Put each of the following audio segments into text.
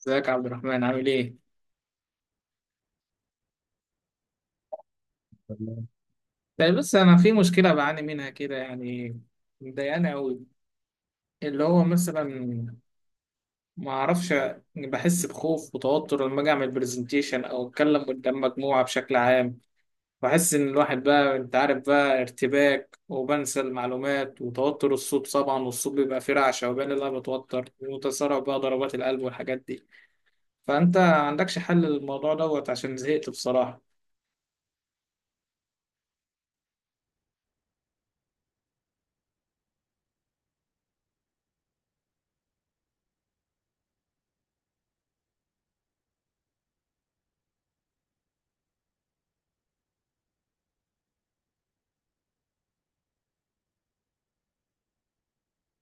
ازيك يا عبد الرحمن؟ عامل ايه؟ تمام. طيب بص، انا في مشكله بعاني منها كده، يعني مضايقاني قوي. اللي هو مثلا، ما اعرفش، بحس بخوف وتوتر لما اجي اعمل برزنتيشن او اتكلم قدام مجموعه بشكل عام. بحس ان الواحد بقى، انت عارف بقى، ارتباك وبنسى المعلومات وتوتر الصوت طبعا، والصوت بيبقى فيه رعشه، وبالي اللي انا بتوتر، وتسارع بقى ضربات القلب والحاجات دي. فانت عندكش حل للموضوع دوت؟ عشان زهقت بصراحه.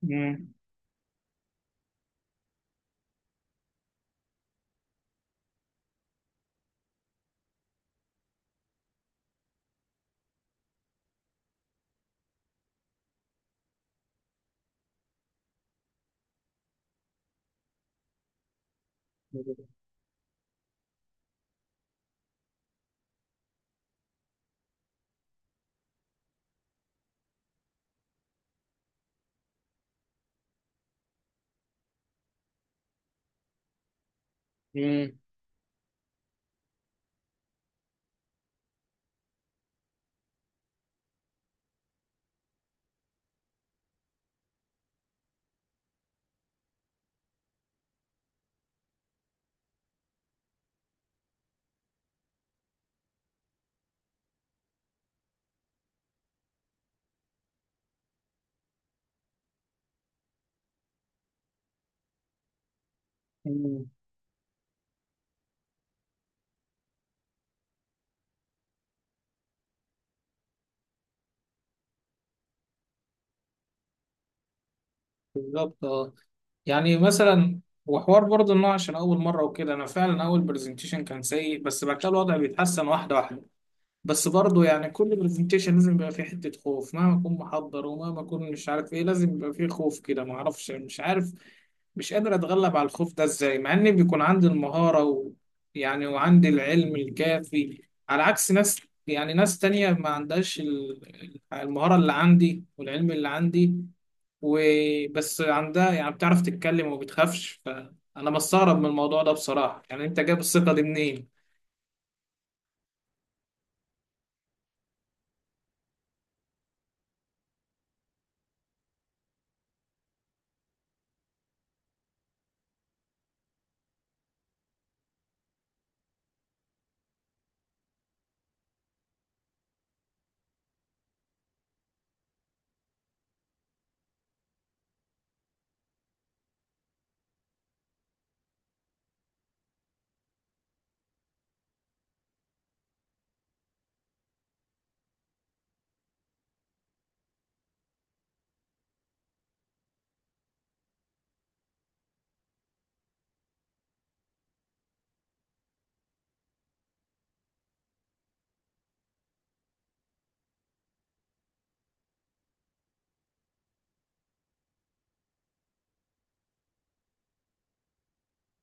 مم. مم. مم. بالظبط اه. يعني مثلا وحوار برضه، انه عشان اول مره وكده، انا فعلا اول برزنتيشن كان سيء، بس بعد كده الوضع بيتحسن واحده واحده. بس برضه يعني كل برزنتيشن لازم يبقى فيه حته خوف، مهما اكون محضر ومهما اكون مش عارف ايه لازم يبقى فيه خوف كده. ما اعرفش، مش عارف، مش قادر اتغلب على الخوف ده ازاي، مع ان بيكون عندي المهارة و... يعني وعندي العلم الكافي، على عكس ناس، يعني ناس تانية ما عندهاش المهارة اللي عندي والعلم اللي عندي، وبس عندها يعني بتعرف تتكلم وما بتخافش. فانا بستغرب من الموضوع ده بصراحة، يعني انت جايب الثقة دي منين؟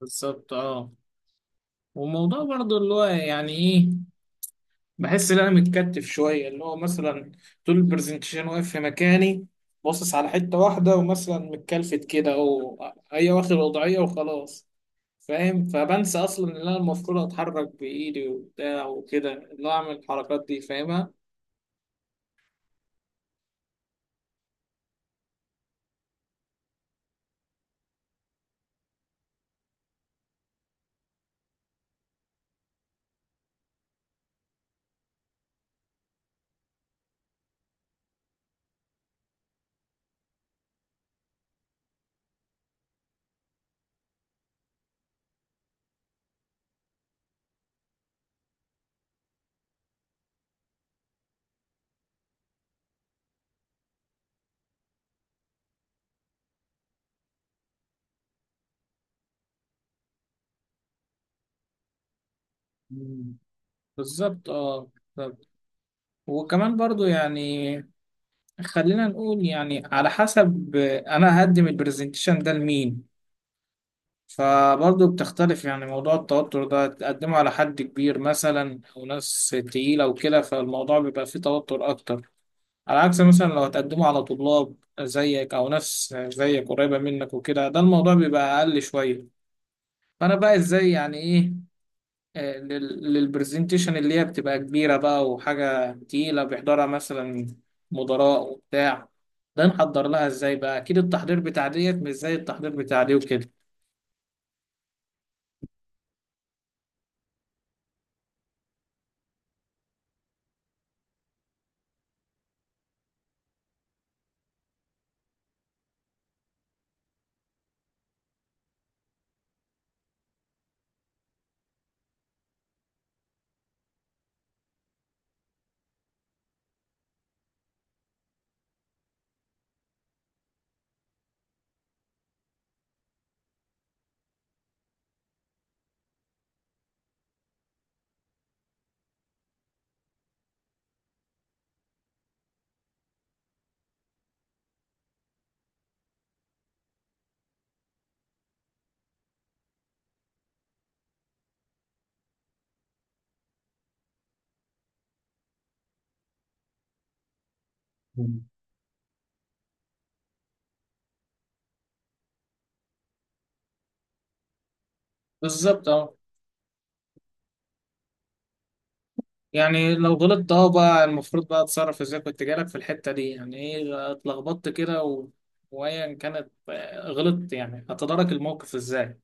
بالظبط اه. والموضوع برضو اللي هو يعني ايه، بحس ان انا متكتف شويه. اللي هو مثلا طول البرزنتيشن واقف في مكاني، باصص على حته واحده، ومثلا متكلفت كده، او هي واخد وضعيه وخلاص، فاهم؟ فبنسى اصلا ان انا المفروض اتحرك بايدي وبتاع وكده، اللي هو اعمل الحركات دي فاهمها. مم. بالظبط اه. بالظبط. وكمان برضو يعني خلينا نقول يعني، على حسب انا هقدم البرزنتيشن ده لمين، فبرضه بتختلف يعني. موضوع التوتر ده تقدمه على حد كبير مثلا أو ناس تقيلة وكده، فالموضوع بيبقى فيه توتر أكتر، على عكس مثلا لو هتقدمه على طلاب زيك أو ناس زيك قريبة منك وكده، ده الموضوع بيبقى أقل شوية. فأنا بقى إزاي يعني إيه، للبرزنتيشن اللي هي بتبقى كبيرة بقى وحاجة تقيلة بيحضرها مثلا مدراء وبتاع، ده نحضر لها إزاي بقى؟ أكيد التحضير بتاع ديت مش زي التحضير بتاع دي وكده. مم. بالظبط اه. يعني لو غلطت اه، بقى المفروض بقى اتصرف ازاي؟ كنت جالك في الحتة دي، يعني ايه اتلخبطت كده و... وايا كانت غلطت، يعني هتدارك الموقف ازاي؟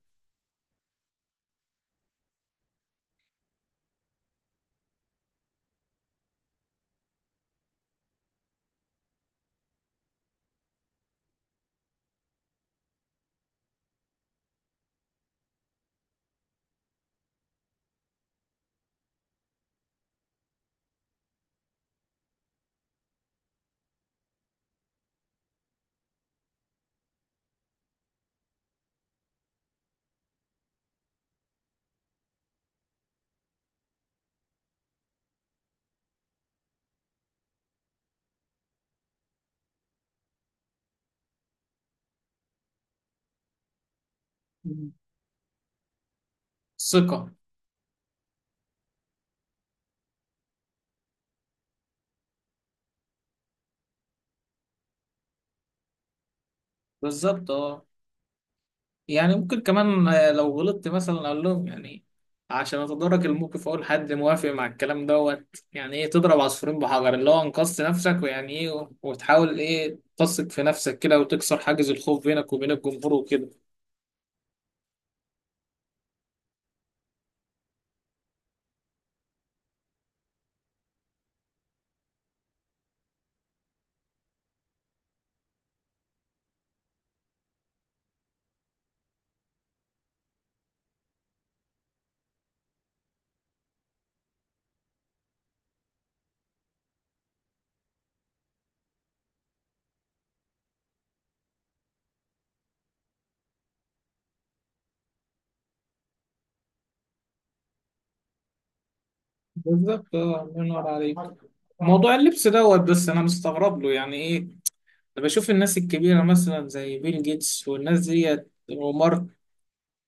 مم. ثقة. بالظبط اه. يعني ممكن كمان، لو غلطت مثلا اقول لهم، يعني عشان اتدارك الموقف اقول حد موافق مع الكلام دوت. يعني ايه تضرب عصفورين بحجر، اللي هو انقذت نفسك ويعني ايه، وتحاول ايه تثق في نفسك كده، وتكسر حاجز الخوف بينك وبين الجمهور وكده. بالظبط اه، الله ينور عليك. موضوع اللبس دوت بس انا مستغرب له يعني ايه. انا بشوف الناس الكبيره مثلا زي بيل جيتس والناس ديت ومارك،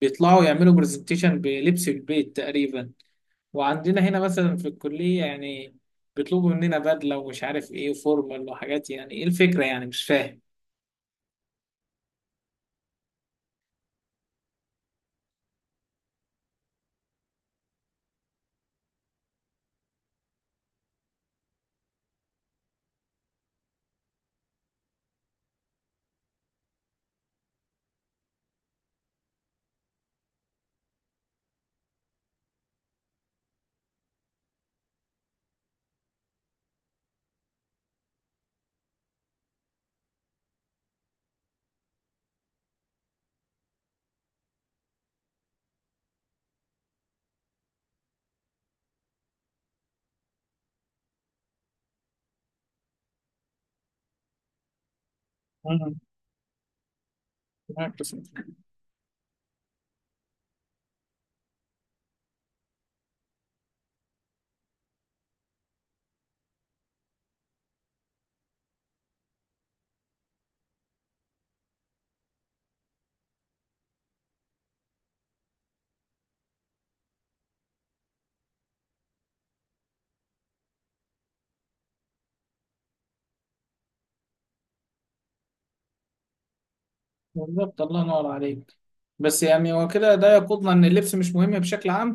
بيطلعوا يعملوا برزنتيشن بلبس البيت تقريبا، وعندنا هنا مثلا في الكليه يعني بيطلبوا مننا بدله ومش عارف ايه وفورمال وحاجات. يعني ايه الفكره يعني، مش فاهم. مم. بالظبط، الله ينور عليك. بس يعني هو كده ده يقودنا ان اللبس مش مهم بشكل عام.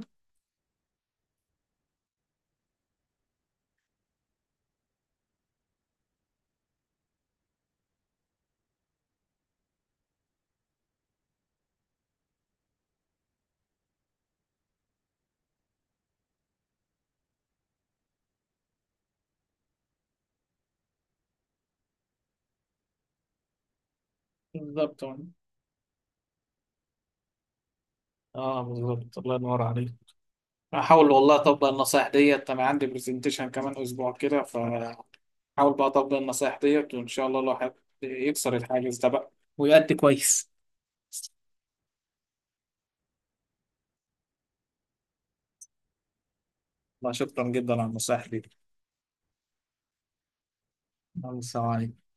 بالظبط اه. بالظبط، الله ينور عليك. احاول والله اطبق النصايح ديت، انا عندي برزنتيشن كمان اسبوع كده، فحاول بقى اطبق النصايح ديت، وان شاء الله الواحد يكسر الحاجز ده بقى ويأدي كويس. لا، شكرا جدا على النصايح دي. الله يسلمك.